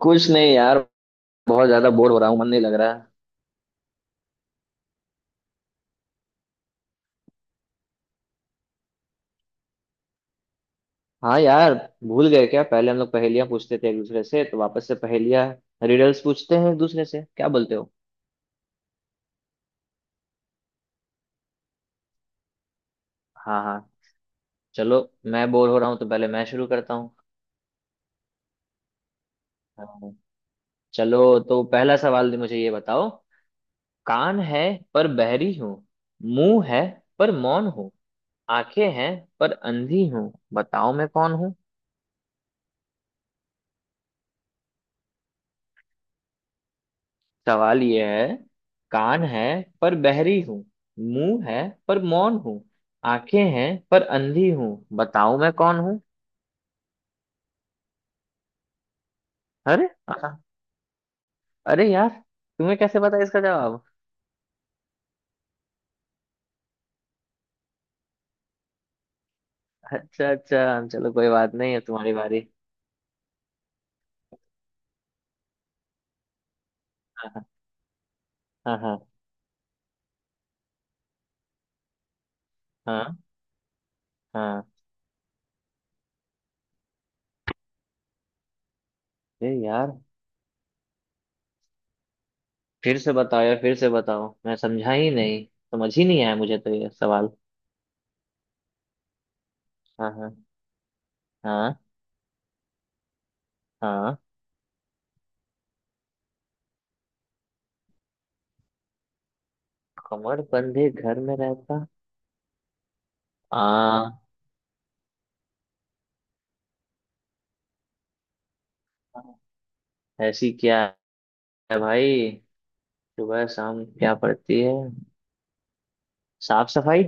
कुछ नहीं यार। बहुत ज्यादा बोर हो रहा हूँ, मन नहीं लग रहा है। हाँ यार, भूल गए क्या? पहले हम लोग पहेलियां पूछते थे एक दूसरे से, तो वापस से पहेलियां रिडल्स पूछते हैं एक दूसरे से, क्या बोलते हो? हाँ हाँ। चलो, मैं बोर हो रहा हूँ तो पहले मैं शुरू करता हूँ। हाँ, चलो तो पहला सवाल मुझे ये बताओ। कान है पर बहरी हूँ, मुंह है पर मौन हूँ, आंखें हैं पर अंधी हूँ, बताओ मैं कौन हूँ? सवाल ये है। कान है पर बहरी हूँ, मुंह है पर मौन हूँ, आंखें हैं पर अंधी हूँ, बताओ मैं कौन हूँ? अरे अरे यार, तुम्हें कैसे पता इसका जवाब? अच्छा अच्छा, चलो कोई बात नहीं है, तुम्हारी बारी। हाँ हाँ, हाँ हाँ, हाँ हाँ, अरे यार फिर से बताओ यार, फिर से बताओ, मैं समझा ही नहीं, समझ ही नहीं आया मुझे तो ये सवाल। हाँ हाँ, हाँ हाँ। कमर बंधे घर में रहता। आ ऐसी क्या है भाई? सुबह शाम क्या पड़ती है? साफ सफाई।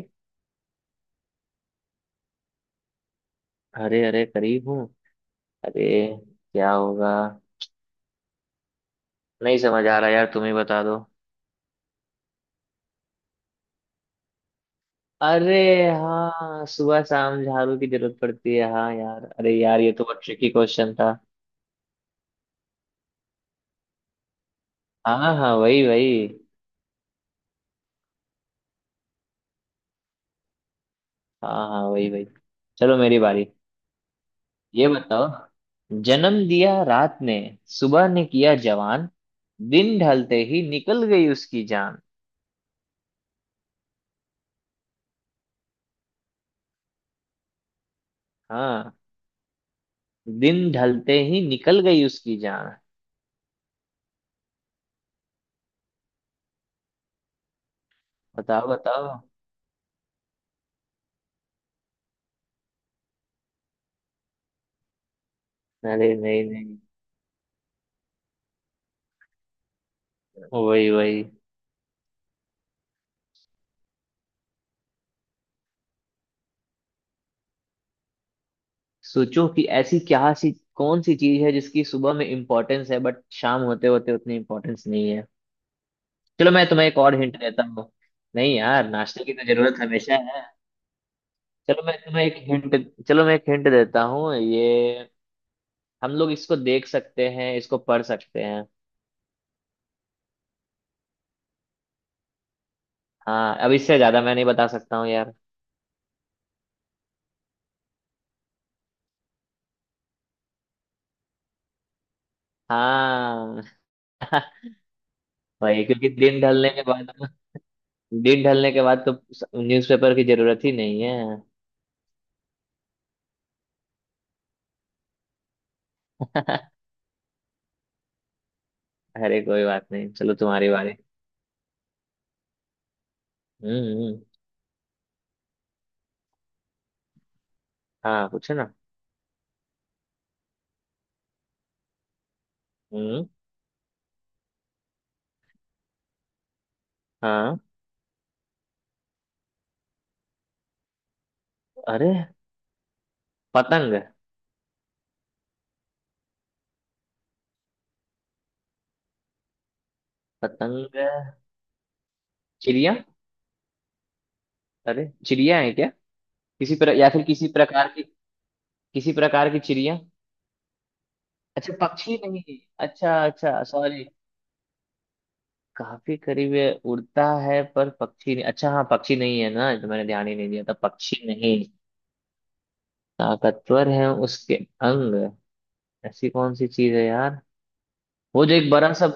हरे हरे करीब हूँ। अरे, क्या होगा? नहीं समझ आ रहा यार, तुम ही बता दो। अरे, हाँ सुबह शाम झाड़ू की जरूरत पड़ती है। हाँ यार, अरे यार ये तो बहुत ट्रिकी क्वेश्चन था। हाँ हाँ वही वही। हाँ हाँ वही वही। चलो मेरी बारी। ये बताओ, जन्म दिया रात ने, सुबह ने किया जवान, दिन ढलते ही निकल गई उसकी जान। हाँ, दिन ढलते ही निकल गई उसकी जान, बताओ बताओ। अरे नहीं नहीं, वही वही। सोचो कि ऐसी क्या सी, कौन सी चीज है जिसकी सुबह में इम्पोर्टेंस है, बट शाम होते होते उतनी इम्पोर्टेंस नहीं है। चलो मैं तुम्हें एक और हिंट देता हूँ। नहीं यार, नाश्ते की तो जरूरत हमेशा है। चलो मैं तुम्हें एक हिंट, चलो मैं एक हिंट देता हूँ, ये हम लोग इसको देख सकते हैं, इसको पढ़ सकते हैं। हाँ, अब इससे ज्यादा मैं नहीं बता सकता हूँ यार। हाँ। वही, क्योंकि दिन ढलने के बाद, दिन ढलने के बाद तो न्यूज़पेपर की जरूरत ही नहीं है। अरे कोई बात नहीं, चलो तुम्हारी बारी। हम्म। हाँ पूछो ना। हम्म। हाँ। अरे पतंग। पतंग। चिड़िया, अरे चिड़िया है क्या? या फिर किसी प्रकार की, किसी प्रकार की चिड़िया। अच्छा पक्षी नहीं। अच्छा अच्छा सॉरी। काफी करीब है, उड़ता है पर पक्षी नहीं, अच्छा हाँ पक्षी नहीं है ना, तो मैंने ध्यान ही नहीं दिया था, पक्षी नहीं। ताकतवर है उसके अंग, ऐसी कौन सी चीज है यार? वो जो एक बड़ा सा।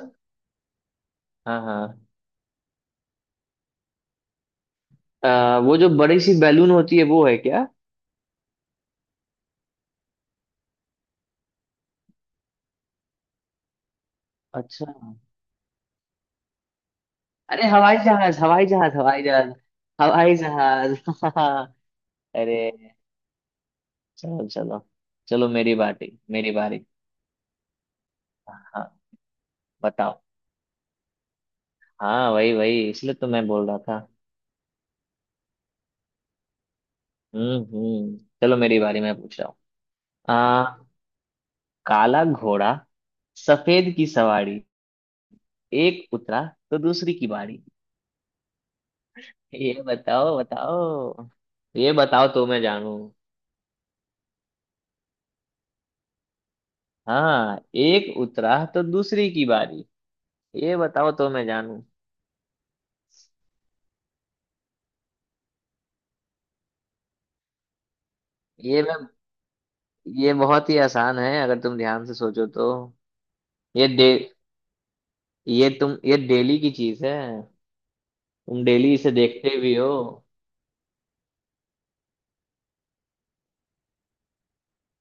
हाँ हाँ। वो जो बड़ी सी बैलून होती है, वो है क्या? अच्छा, अरे हवाई जहाज हवाई जहाज हवाई जहाज। हवाई जहाज। अरे, चलो चलो, चलो मेरी बारी मेरी बारी। हाँ बताओ। हाँ वही वही, इसलिए तो मैं बोल रहा था। हम्म। चलो मेरी बारी, मैं पूछ रहा हूँ। आ काला घोड़ा, सफेद की सवारी, एक उतरा तो दूसरी की बारी। ये बताओ बताओ, ये बताओ तो मैं जानू। हाँ, एक उतरा तो दूसरी की बारी, ये बताओ तो मैं जानूं। ये मैं, ये बहुत ही आसान है अगर तुम ध्यान से सोचो तो। ये डे ये तुम ये डेली की चीज है, तुम डेली इसे देखते भी हो।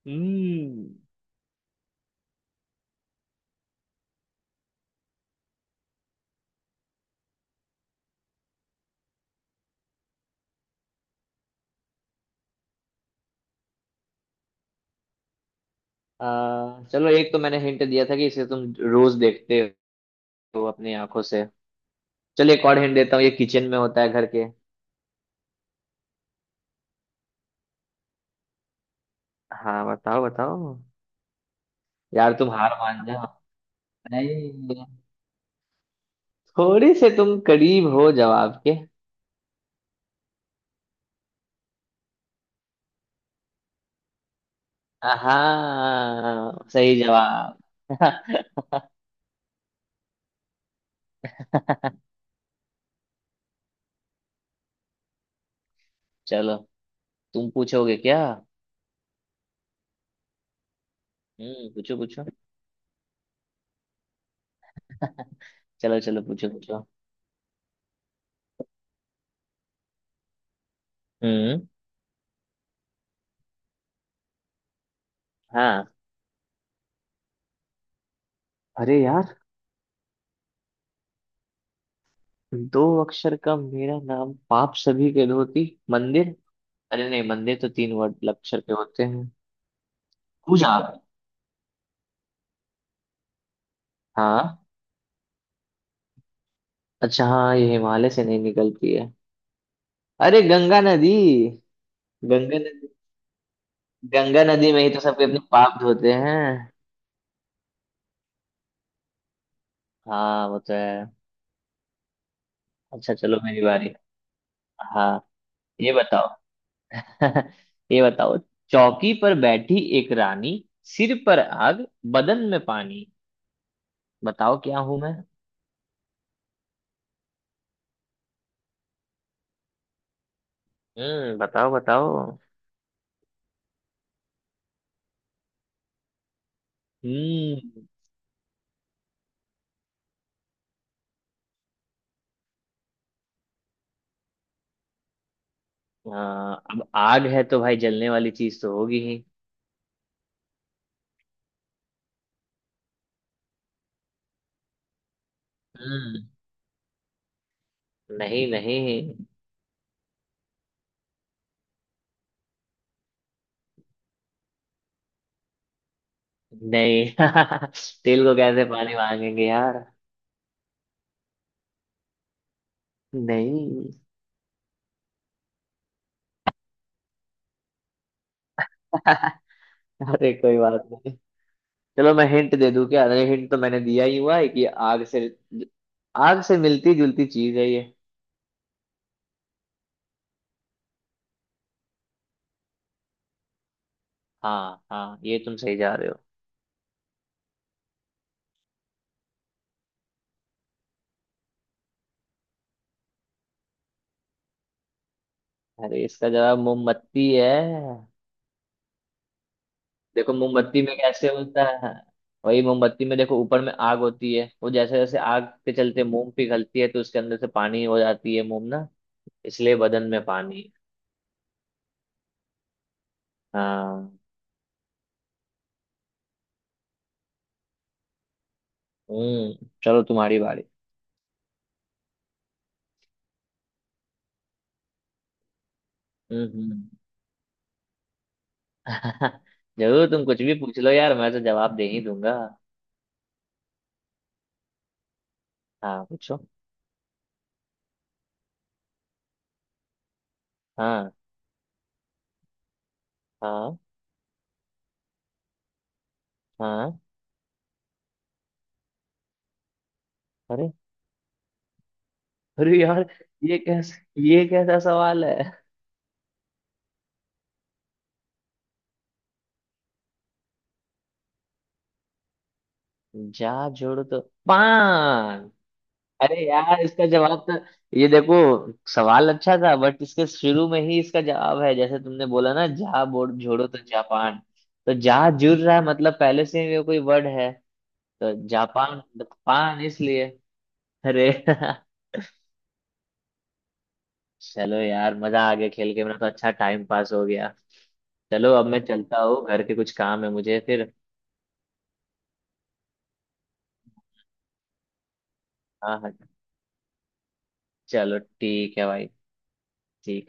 हम्म। चलो एक तो मैंने हिंट दिया था कि इसे तुम रोज देखते हो अपनी आंखों से। चलो एक और हिंट देता हूँ, ये किचन में होता है घर के। हाँ बताओ बताओ। यार तुम हार मान जाओ। नहीं, थोड़ी से तुम करीब हो जवाब के। हाँ सही जवाब। चलो, तुम पूछोगे क्या? पूछो पूछो। चलो चलो पूछो पूछो। हम्म। हाँ। अरे यार, दो अक्षर का मेरा नाम, पाप सभी के धोती। मंदिर, अरे नहीं, मंदिर तो तीन वर्ड अक्षर के होते हैं। पूजा। हाँ। अच्छा हाँ, ये हिमालय से नहीं निकलती है। अरे गंगा नदी। गंगा नदी। गंगा नदी में ही तो सबके अपने पाप धोते हैं। हाँ वो तो है। अच्छा चलो मेरी बारी। हाँ, ये बताओ। ये बताओ, चौकी पर बैठी एक रानी, सिर पर आग, बदन में पानी। बताओ क्या हूं मैं? बताओ बताओ। हम्म। हाँ, अब आग है तो भाई जलने वाली चीज तो होगी ही। हम्म। नहीं नहीं। नहीं। तेल को कैसे पानी मांगेंगे यार? नहीं। अरे कोई बात नहीं, चलो मैं हिंट दे दूं क्या? अरे हिंट तो मैंने दिया ही हुआ है कि आग से, आग से मिलती जुलती चीज है ये। हाँ हाँ, ये तुम सही जा रहे हो। अरे इसका जवाब मोमबत्ती है। देखो मोमबत्ती में कैसे होता है। वही, मोमबत्ती में देखो ऊपर में आग होती है, वो जैसे जैसे आग के चलते मोम पिघलती है, तो उसके अंदर से पानी हो जाती है मोम ना, इसलिए बदन में पानी है। हाँ। हम्म। चलो तुम्हारी बारी। हम्म। जरूर, तुम कुछ भी पूछ लो यार, मैं तो जवाब दे ही दूंगा। हाँ पूछो। हाँ हाँ। हाँ। अरे। अरे यार, ये कैसा, ये कैसा सवाल है? जा जोड़ तो पान। अरे यार इसका जवाब तो, ये देखो सवाल अच्छा था बट इसके शुरू में ही इसका जवाब है, जैसे तुमने बोला ना, जहा बोर्ड जोड़ो तो जापान, तो जहा जुड़ रहा है, मतलब पहले से ही वो कोई वर्ड है, तो जापान, पान इसलिए। अरे। चलो यार, मजा आ गया खेल के, मेरा तो अच्छा टाइम पास हो गया। चलो अब मैं चलता हूँ, घर के कुछ काम है मुझे फिर। हाँ हाँ। चलो ठीक है भाई। ठीक है।